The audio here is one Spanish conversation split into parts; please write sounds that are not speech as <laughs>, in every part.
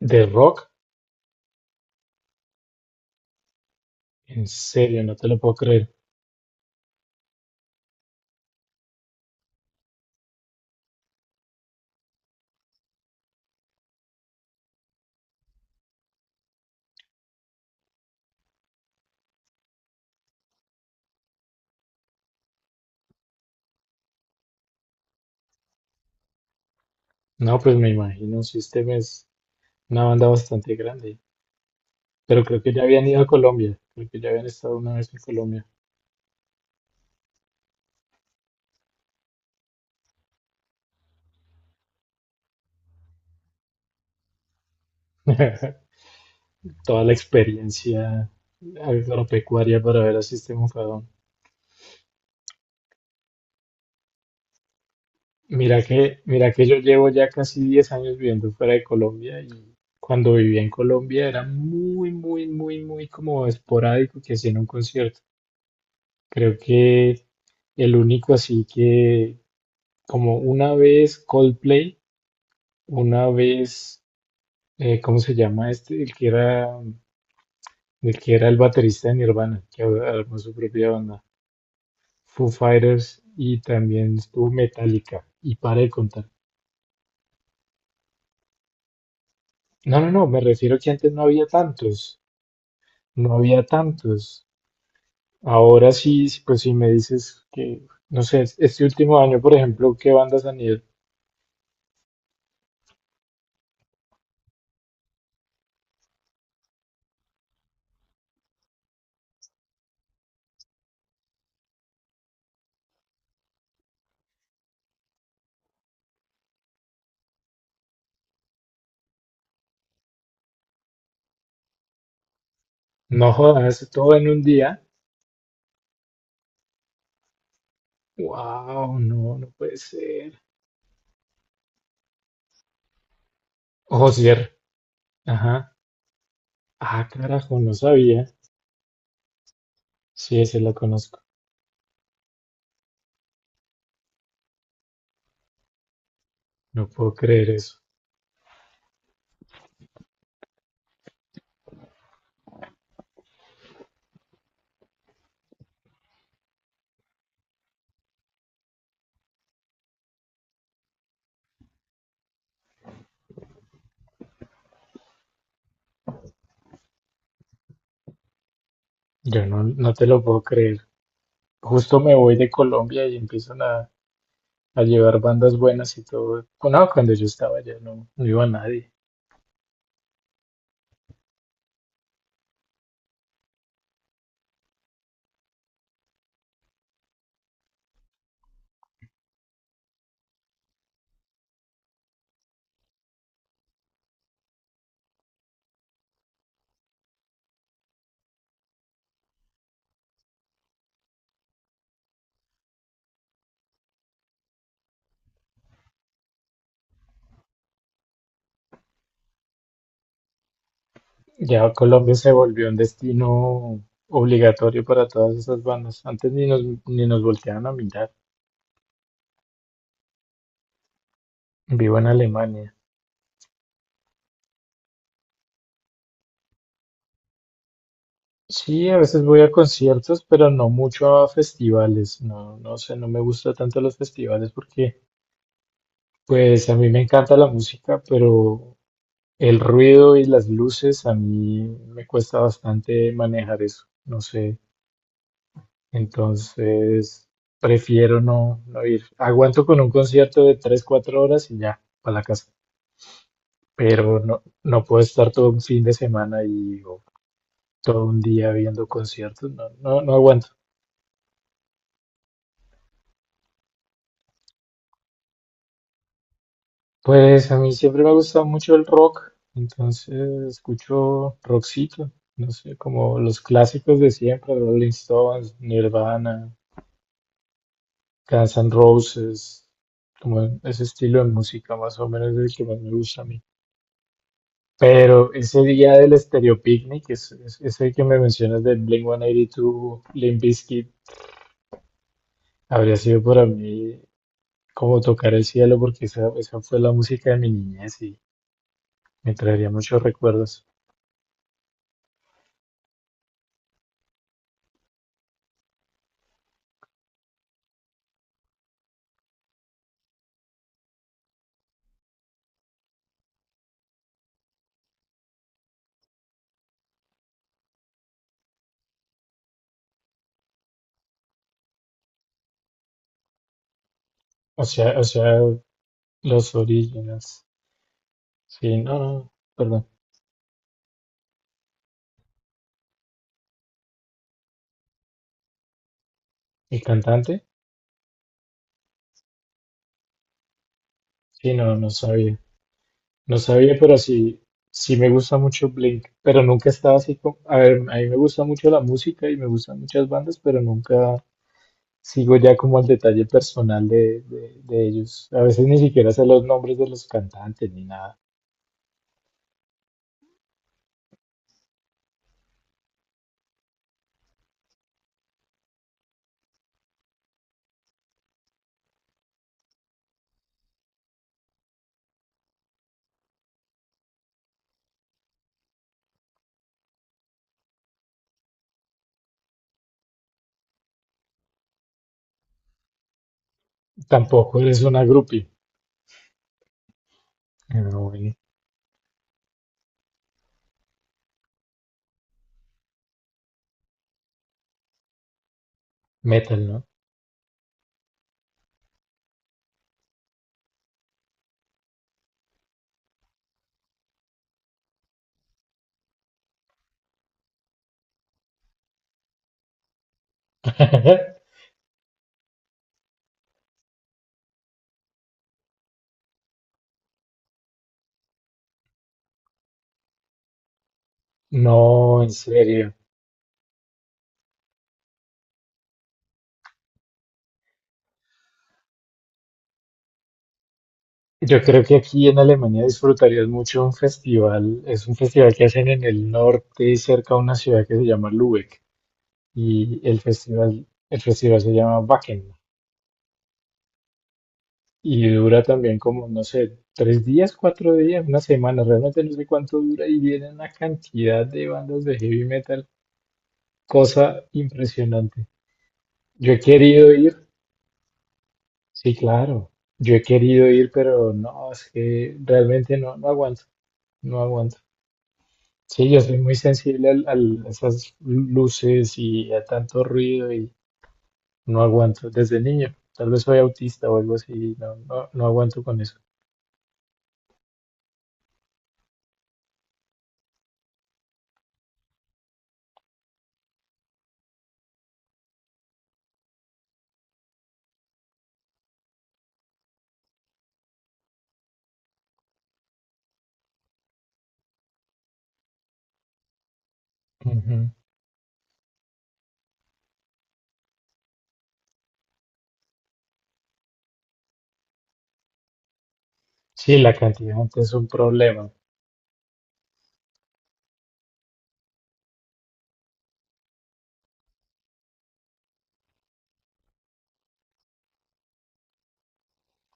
¿De rock? En serio, no te lo puedo creer. No, pues me imagino, System es una banda bastante grande, pero creo que ya habían ido a Colombia, creo que ya habían estado una vez en Colombia. <laughs> Toda la experiencia agropecuaria para ver a System of a Down. Mira que yo llevo ya casi 10 años viviendo fuera de Colombia y cuando vivía en Colombia era muy, muy, muy, muy como esporádico que hacían un concierto. Creo que el único así que como una vez Coldplay, una vez, ¿cómo se llama este? El que era el baterista de Nirvana, que ahora armó su propia banda. Foo Fighters y también estuvo Metallica. Y para de contar. No, me refiero que antes no había tantos. No había tantos. Ahora sí, sí, pues no sé, este último año, por ejemplo, ¿qué bandas han ido? No jodas, todo en un día. Wow, no, no puede ser. Ojo. Ajá. Ah, carajo, no sabía. Sí, ese la conozco. No puedo creer eso. Yo no, no te lo puedo creer. Justo me voy de Colombia y empiezan a llevar bandas buenas y todo. No, cuando yo estaba allá no, no iba nadie. Ya Colombia se volvió un destino obligatorio para todas esas bandas. Antes ni nos volteaban a mirar. Vivo en Alemania. Sí, a veces voy a conciertos, pero no mucho a festivales. No, no sé, no me gusta tanto los festivales porque pues a mí me encanta la música, pero el ruido y las luces a mí me cuesta bastante manejar eso, no sé. Entonces prefiero no, no ir. Aguanto con un concierto de 3 4 horas y ya, para la casa. Pero no, no puedo estar todo un fin de semana y o todo un día viendo conciertos, no, no, no aguanto. Pues a mí siempre me ha gustado mucho el rock, entonces escucho rockcito, no sé, como los clásicos de siempre, Rolling Stones, Nirvana, Guns N' Roses, como ese estilo de música más o menos es el que más me gusta a mí. Pero ese día del Stereo Picnic, ese que me mencionas del Blink-182, Limp Bizkit, habría sido para mí como tocar el cielo porque esa fue la música de mi niñez y me traería muchos recuerdos. O sea, o sea, Los Orígenes. Sí, no, no, perdón. ¿El cantante? Sí, no, no sabía. No sabía, pero sí, sí me gusta mucho Blink, pero nunca estaba así como, a ver, a mí me gusta mucho la música y me gustan muchas bandas, pero nunca sigo ya como al detalle personal de ellos. A veces ni siquiera sé los nombres de los cantantes ni nada. Tampoco eres una groupie. Pero bueno, metal, ¿no? <laughs> No, en serio. Yo creo que aquí en Alemania disfrutarías mucho un festival. Es un festival que hacen en el norte, cerca a una ciudad que se llama Lübeck. Y el festival se llama Wacken. Y dura también como, no sé, tres días, cuatro días, una semana. Realmente no sé cuánto dura y viene una cantidad de bandas de heavy metal. Cosa impresionante. Yo he querido ir, sí, claro. Yo he querido ir, pero no, es que realmente no, no aguanto, no aguanto. Sí, yo soy muy sensible a esas luces y a tanto ruido y no aguanto desde niño. Tal vez soy autista o algo así, no, no, no aguanto con eso. Ujú. Sí, la cantidad es un problema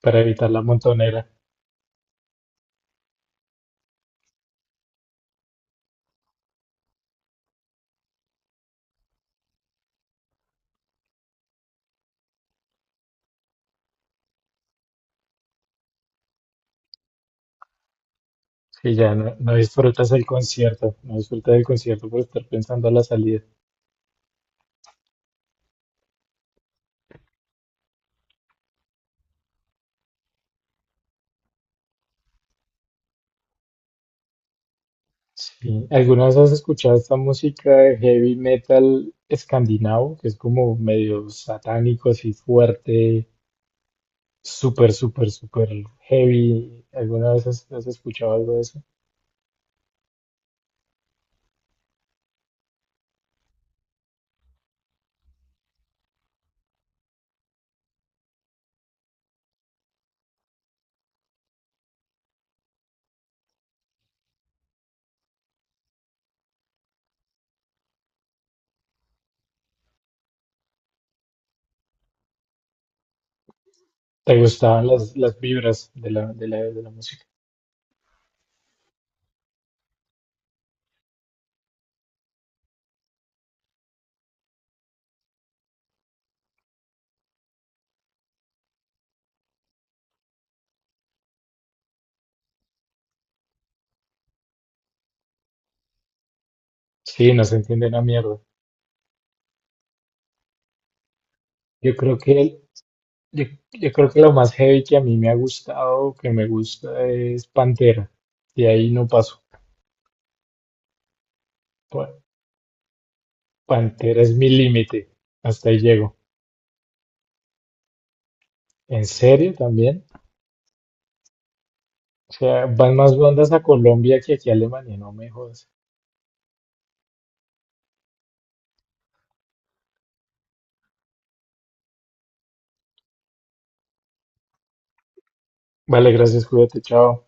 para evitar la montonera. Si ya no, no disfrutas el concierto, no disfrutas del concierto por estar pensando en la salida. Sí. ¿Alguna vez has escuchado esta música de heavy metal escandinavo, que es como medio satánico, así fuerte? Súper, súper, súper heavy. ¿Alguna vez has escuchado algo de eso? ¿Te gustaban las vibras de la música? Sí, no se entiende una mierda. Yo creo que, yo, yo creo que lo más heavy que a mí me ha gustado, que me gusta, es Pantera. De ahí no paso. Pa- Pantera es mi límite. Hasta ahí llego. ¿En serio también? O sea, van más bandas a Colombia que aquí a Alemania, no me jodas. Vale, gracias, cuídate, chao.